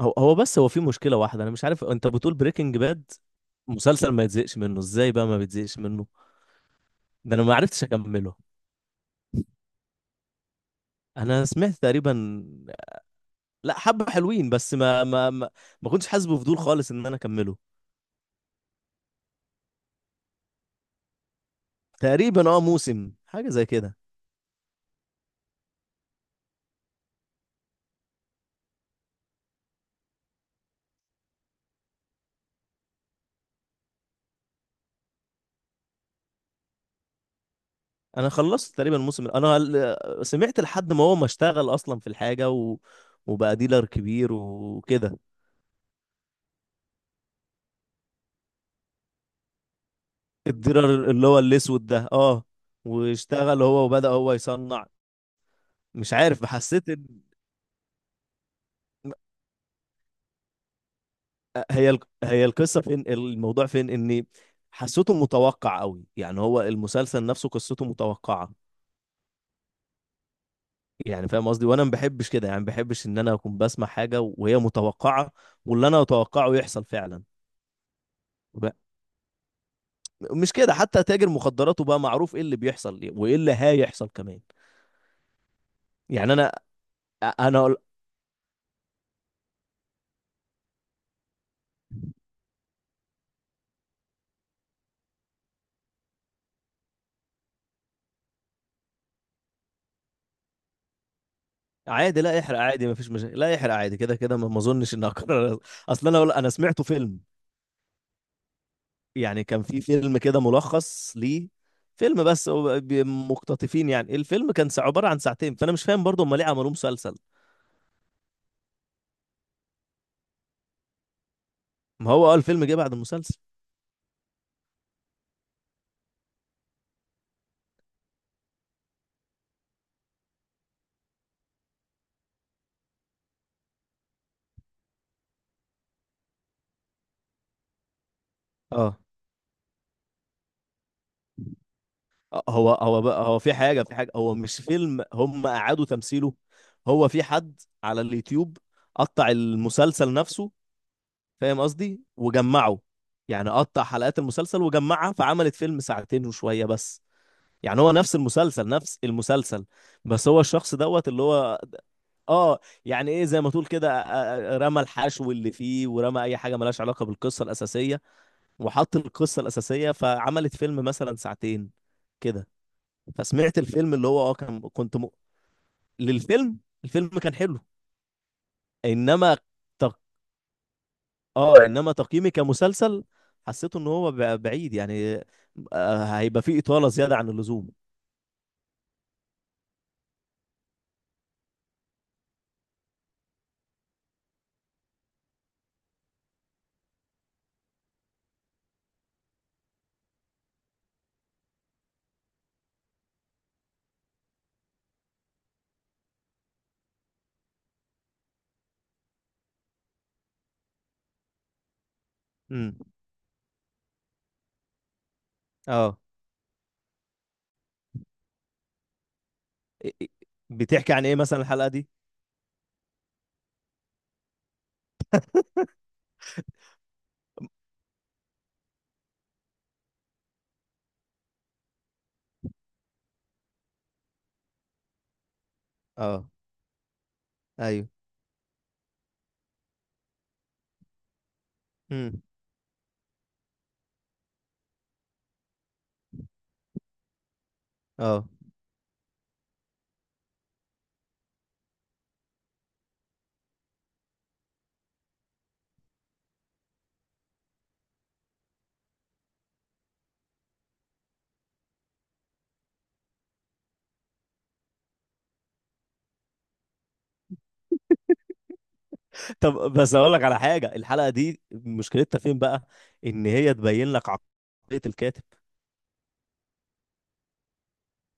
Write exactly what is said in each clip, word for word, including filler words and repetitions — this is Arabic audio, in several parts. هو هو بس هو في مشكلة واحدة. أنا مش عارف، أنت بتقول بريكنج باد مسلسل ما يتزهقش منه؟ إزاي بقى ما بيتزهقش منه؟ ده أنا ما عرفتش أكمله. أنا سمعت تقريبا، لا، حبة حلوين بس ما ما ما, ما كنتش حاسس بفضول خالص إن أنا أكمله. تقريبا أه موسم حاجة زي كده. أنا خلصت تقريبا الموسم، أنا ال- سمعت لحد ما هو ما اشتغل أصلا في الحاجة و... وبقى ديلر كبير وكده. الديلر اللي هو الأسود ده، أه. واشتغل هو وبدأ هو يصنع. مش عارف، حسيت. هي الق- هي القصه فين؟ الموضوع فين؟ ان حسيته متوقع قوي، يعني هو المسلسل نفسه قصته متوقعه. يعني فاهم قصدي، وانا ما بحبش كده، يعني ما بحبش ان انا اكون بسمع حاجه وهي متوقعه، واللي انا اتوقعه يحصل فعلا. ب- مش كده، حتى تاجر مخدراته بقى معروف ايه اللي بيحصل وايه اللي هيحصل كمان. يعني انا، انا أقول- عادي، لا يحرق، عادي ما فيش مشاكل، لا يحرق عادي، كده كده ما ما اظنش ان اقرر. اصل انا أقول- انا سمعته فيلم، يعني كان في فيلم كده ملخص ليه. فيلم، بس هو بي- مقتطفين، يعني الفيلم كان ساعة- عبارة عن ساعتين. فأنا مش فاهم برضه هم ليه عملوه مسلسل. ما هو اه الفيلم جه بعد المسلسل. اه. آه، هو هو بقى، هو في حاجة، في حاجة، هو مش فيلم، هم أعادوا تمثيله. هو في حد على اليوتيوب قطع المسلسل نفسه، فاهم قصدي، وجمعه. يعني قطع حلقات المسلسل وجمعها، فعملت فيلم ساعتين وشوية بس. يعني هو نفس المسلسل، نفس المسلسل. بس هو الشخص دوت اللي هو، اه، يعني ايه، زي ما تقول كده، آه، آه، رمى الحشو اللي فيه، ورمى اي حاجه ملهاش علاقه بالقصه الاساسيه، وحط القصه الاساسيه، فعملت فيلم مثلا ساعتين كده. فسمعت الفيلم اللي هو اه كان كنت م... للفيلم. الفيلم كان حلو. انما تق... اه انما تقييمي كمسلسل، حسيته ان هو ب- بعيد يعني، آه، هيبقى فيه اطاله زياده عن اللزوم. امم، اه. إ- إ- بتحكي عن ايه مثلا الحلقه دي؟ اه. ايوه. امم. اه. طب بس اقول لك على حاجه، الحلقه دي مشكلتها فين بقى؟ ان هي تبين لك عقليه الكاتب،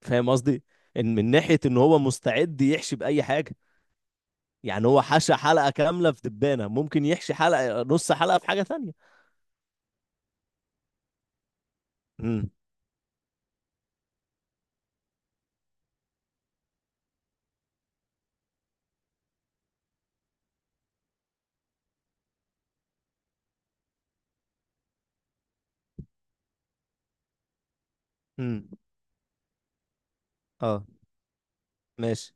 فاهم قصدي، ان من ناحيه ان هو مستعد يحشي باي حاجه. يعني هو حشى حلقه كامله في دبانه، ممكن يحشي حلقه، نص حلقه، في حاجه تانية. امم. امم. اه. ماشي.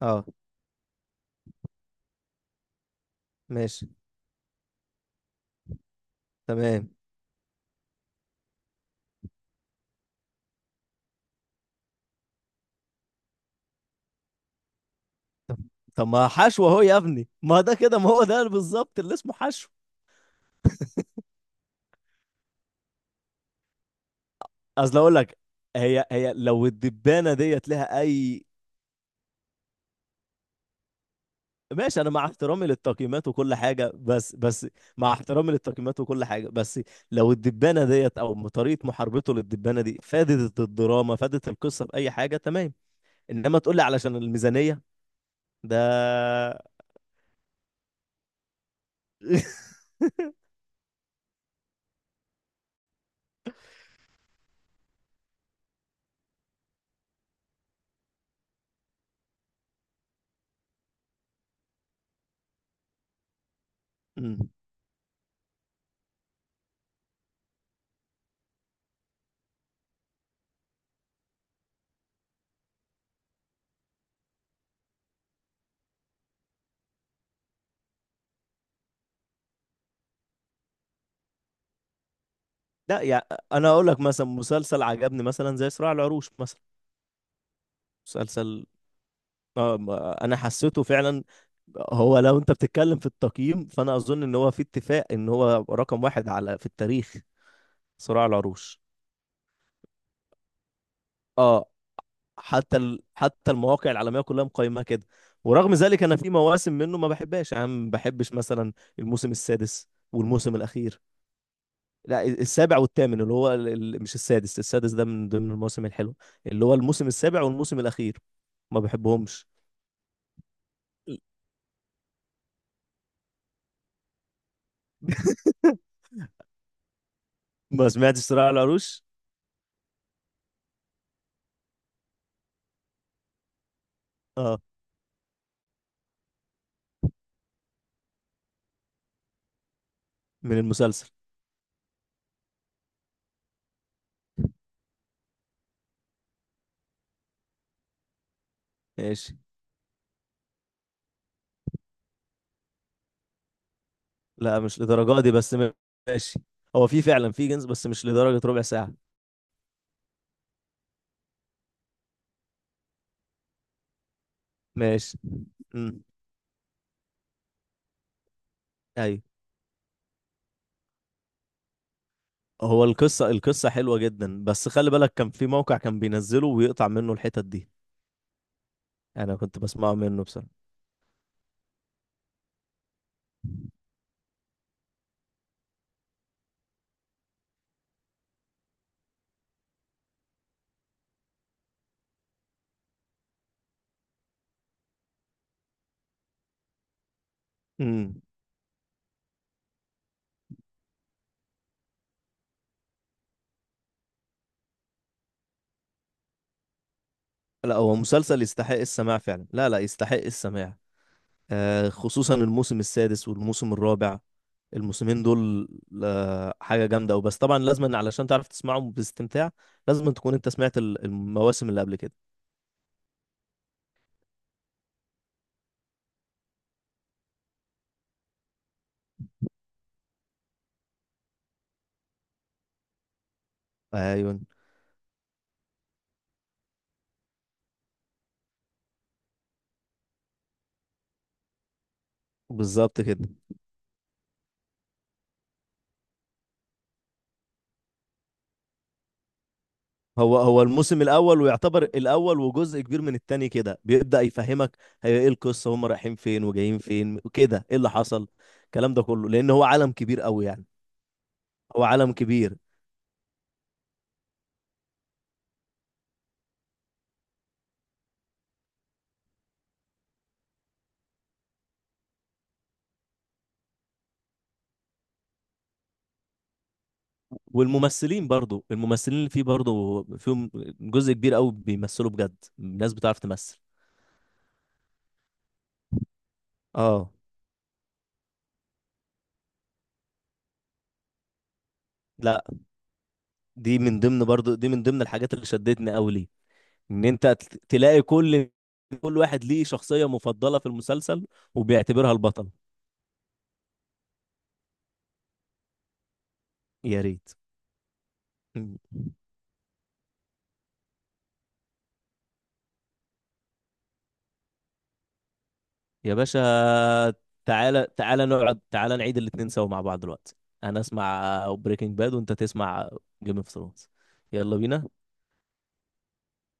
اه. ماشي. تمام. طب ما حشو اهو يا ابني، ما ده كده، ما هو ده بالظبط اللي اسمه حشو. اصل اقول لك، هي هي لو الدبانه ديت لها اي. ماشي، انا مع احترامي للتقييمات وكل حاجه بس بس. مع احترامي للتقييمات وكل حاجه بس، لو الدبانه ديت، او طريقه محاربته للدبانه دي، فادت الدراما، فادت القصه في اي حاجه، تمام. انما تقول لي علشان الميزانيه ده. مم. لا يعني، انا اقول لك مثلا مسلسل عجبني مثلا زي صراع العروش مثلا. مسلسل، آه، ما- انا حسيته فعلا، هو لو انت بتتكلم في التقييم فانا اظن ان هو في اتفاق ان هو رقم واحد على، في التاريخ، صراع العروش. اه. حتى ال... حتى المواقع العالميه كلها مقيمه كده. ورغم ذلك انا في مواسم منه ما بحبهاش، يعني ما بحبش مثلا الموسم السادس والموسم الاخير. لا، السابع والثامن، اللي هو ال... ال- مش السادس، السادس ده من ضمن المواسم الحلوه، اللي هو الموسم السابع والموسم الاخير، ما بحبهمش. ما سمعتش صراع العروش. اه، من المسلسل. ماشي. لا مش لدرجه دي بس م- ماشي. هو في فعلا في جنس بس مش لدرجه ربع ساعه. ماشي. امم. ايوه. هو القصة، القصة حلوة جدا، بس خلي بالك كان في موقع كان بينزله ويقطع منه الحتت دي. انا كنت بسمعه منه بصراحة. امم. لا هو مسلسل يستحق السماع فعلا، لا لا يستحق السماع. آه، خصوصا الموسم السادس والموسم الرابع، الموسمين دول، آه حاجة جامدة. وبس طبعا، لازم علشان تعرف تسمعهم باستمتاع، لازم تكون انت سمعت ال- المواسم اللي قبل كده. ايوه، بالظبط كده. هو هو الموسم الاول ويعتبر الاول وجزء كبير من التاني كده بيبدأ يفهمك هي ايه القصة، هم رايحين فين وجايين فين وكده، ايه اللي حصل، الكلام ده كله، لان هو عالم كبير قوي يعني. هو عالم كبير. والممثلين برضو، الممثلين اللي فيه برضو، فيهم جزء كبير قوي بيمثلوا بجد، ناس بتعرف تمثل. اه. لا، دي من ضمن برضو، دي من ضمن الحاجات اللي شدتني قوي ليه، ان انت ت- تلاقي كل، كل واحد ليه شخصية مفضلة في المسلسل، وبيعتبرها البطل. يا ريت. يا باشا، تعالى تعالى نقعد، تعالى نعيد الاتنين سوا مع بعض دلوقتي. انا اسمع بريكنج باد وانت تسمع جيم اوف ثرونز. يلا بينا.